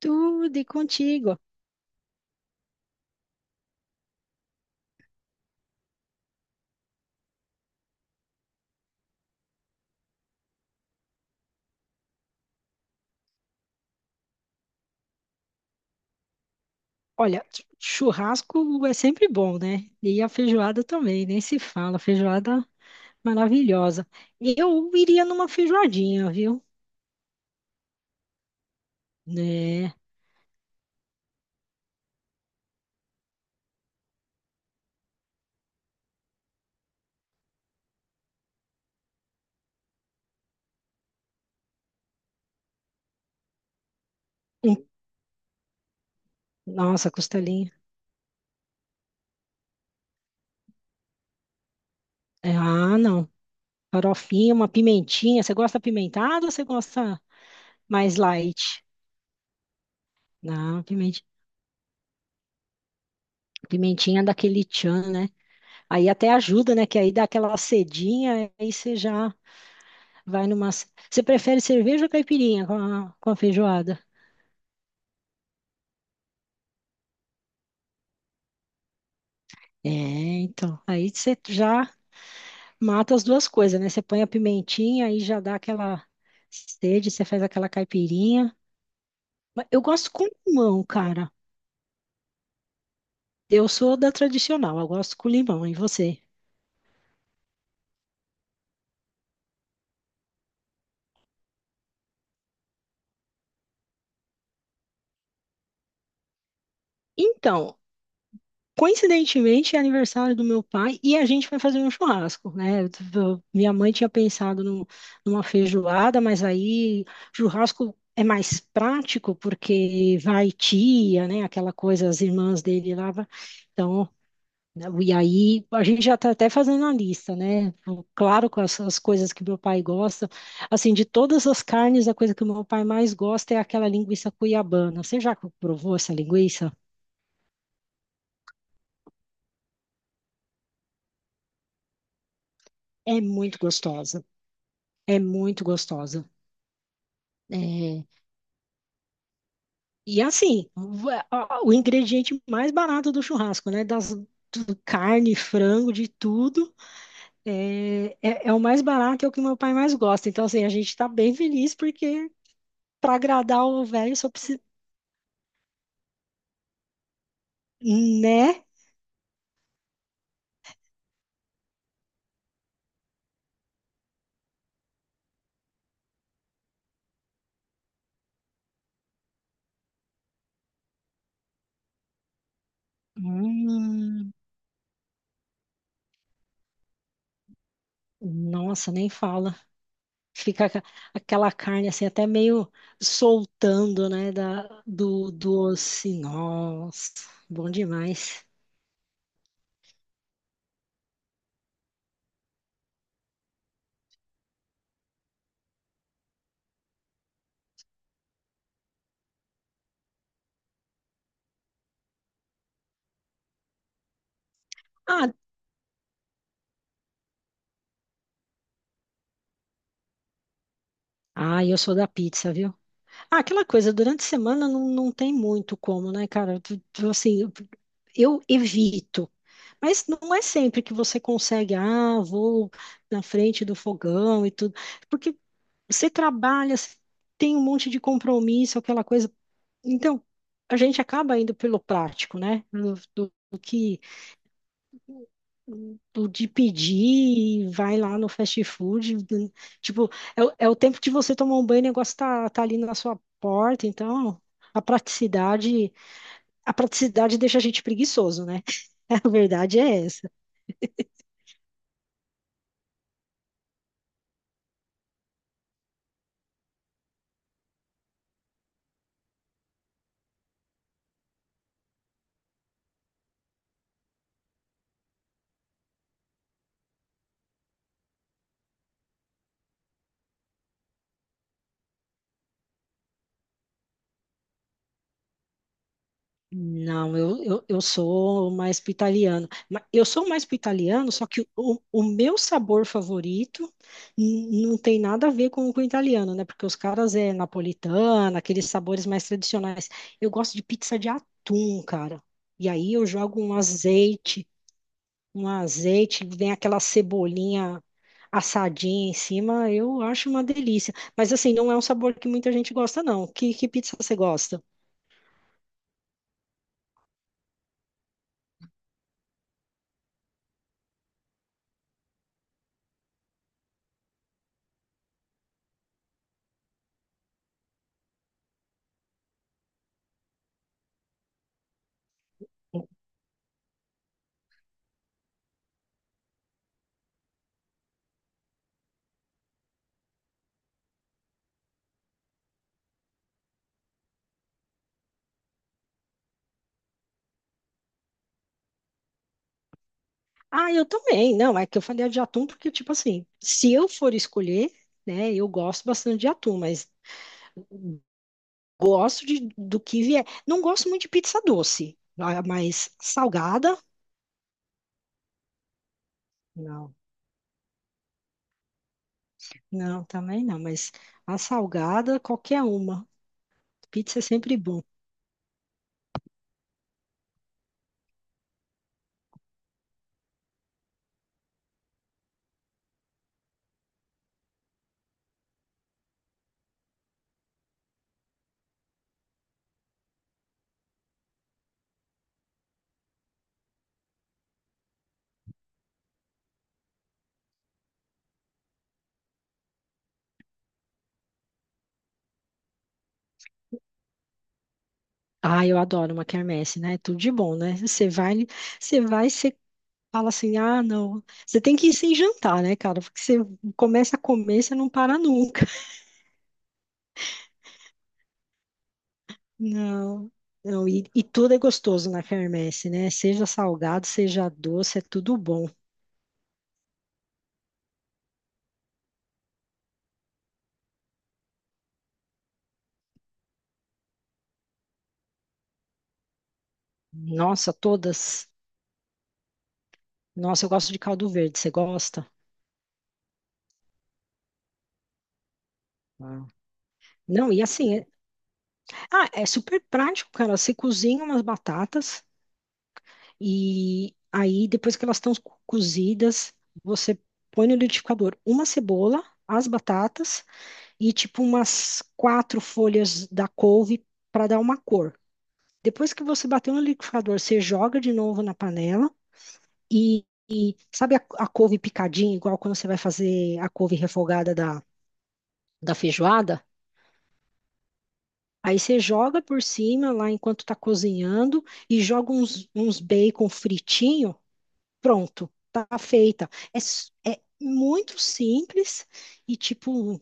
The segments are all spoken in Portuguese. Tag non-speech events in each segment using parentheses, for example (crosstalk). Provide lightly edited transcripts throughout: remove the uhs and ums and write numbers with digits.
Tudo e contigo. Olha, churrasco é sempre bom, né? E a feijoada também, nem se fala. Feijoada maravilhosa. Eu iria numa feijoadinha, viu? Né? Hum. Nossa, costelinha. É. Ah, não. Farofinha, uma pimentinha. Você gosta pimentada ou você gosta mais light? Não, pimentinha. Pimentinha daquele tchan, né? Aí até ajuda, né? Que aí dá aquela cedinha, aí você já vai numa. Você prefere cerveja ou caipirinha com a feijoada? É, então. Aí você já mata as duas coisas, né? Você põe a pimentinha, aí já dá aquela sede, você faz aquela caipirinha. Mas eu gosto com limão, cara. Eu sou da tradicional, eu gosto com limão. E você? Então, coincidentemente, é aniversário do meu pai e a gente vai fazer um churrasco, né? Minha mãe tinha pensado numa feijoada, mas aí churrasco é mais prático porque vai tia, né? Aquela coisa, as irmãs dele lá. Então, né? E aí a gente já está até fazendo a lista, né? Claro, com as coisas que meu pai gosta. Assim, de todas as carnes, a coisa que o meu pai mais gosta é aquela linguiça cuiabana. Você já provou essa linguiça? É muito gostosa. É muito gostosa. É. E assim, o ingrediente mais barato do churrasco, né? Das do carne, frango, de tudo. É o mais barato, é o que meu pai mais gosta. Então, assim, a gente está bem feliz porque para agradar o velho só. Né? Hum, nossa, nem fala. Fica aca- aquela carne assim, até meio soltando, né? Do osso. Nossa, bom demais. Ah, ah, eu sou da pizza, viu? Ah, aquela coisa, durante a semana não tem muito como, né, cara? Assim, eu evito. Mas não é sempre que você consegue, ah, vou na frente do fogão e tudo. Porque você trabalha, você tem um monte de compromisso, aquela coisa. Então, a gente acaba indo pelo prático, né? Do, do- do que do de pedir, e vai lá no fast food, tipo, é, o é o tempo de você tomar um banho, o negócio tá ali na sua porta, então a praticidade, a praticidade deixa a gente preguiçoso, né? (laughs) A verdade é essa. Não, eu sou mais pro italiano. Eu sou mais pro italiano, só que o meu sabor favorito não tem nada a ver com o italiano, né? Porque os caras é napolitana, aqueles sabores mais tradicionais. Eu gosto de pizza de atum, cara. E aí eu jogo um azeite, vem aquela cebolinha assadinha em cima, eu acho uma delícia. Mas assim, não é um sabor que muita gente gosta, não. Que pizza você gosta? Ah, eu também. Não, é que eu falei de atum porque, tipo assim, se eu for escolher, né, eu gosto bastante de atum, mas gosto do que vier. Não gosto muito de pizza doce, ah, mas salgada, não. Não, também não, mas a salgada, qualquer uma. Pizza é sempre bom. Ah, eu adoro uma quermesse, né? É tudo de bom, né? Você fala assim: ah, não, você tem que ir sem jantar, né, cara? Porque você começa a comer, você não para nunca. (laughs) Não, não, e tudo é gostoso na quermesse, né? Seja salgado, seja doce, é tudo bom. Nossa, todas. Nossa, eu gosto de caldo verde, você gosta? Ah. Não, e assim, é, ah, é super prático, cara. Você cozinha umas batatas e aí depois que elas estão cozidas, você põe no liquidificador uma cebola, as batatas e tipo umas quatro folhas da couve para dar uma cor. Depois que você bateu no liquidificador, você joga de novo na panela e sabe a couve picadinha, igual quando você vai fazer a couve refogada da feijoada? Aí você joga por cima lá enquanto tá cozinhando e joga uns bacon fritinho, pronto, tá feita. É, é muito simples e tipo,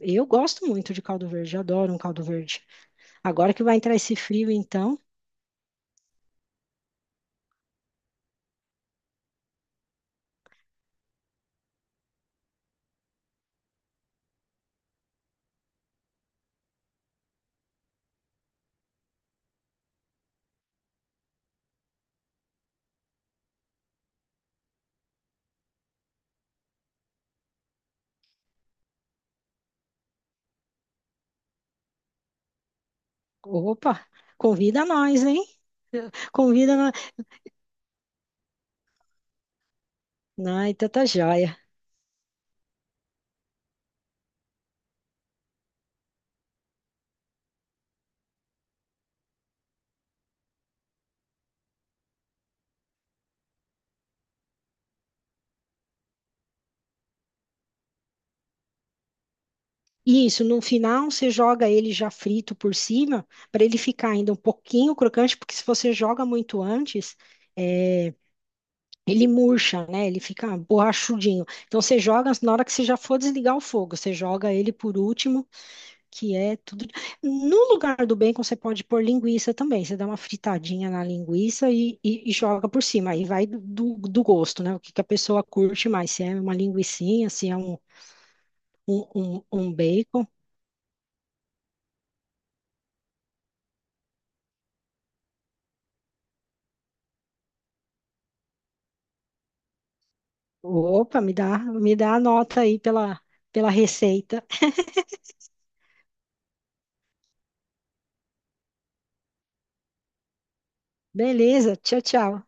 eu gosto muito de caldo verde, adoro um caldo verde. Agora que vai entrar esse frio, então, opa, convida nós, hein? Convida nós. Ai, tanta joia. Isso, no final você joga ele já frito por cima, para ele ficar ainda um pouquinho crocante, porque se você joga muito antes, é, ele murcha, né? Ele fica borrachudinho. Então você joga na hora que você já for desligar o fogo, você joga ele por último que é tudo. No lugar do bacon, você pode pôr linguiça também. Você dá uma fritadinha na linguiça e joga por cima. Aí vai gosto, né? O que que a pessoa curte mais. Se é uma linguicinha, se é um bacon. Opa, me dá a nota aí pela, pela receita. Beleza, tchau, tchau.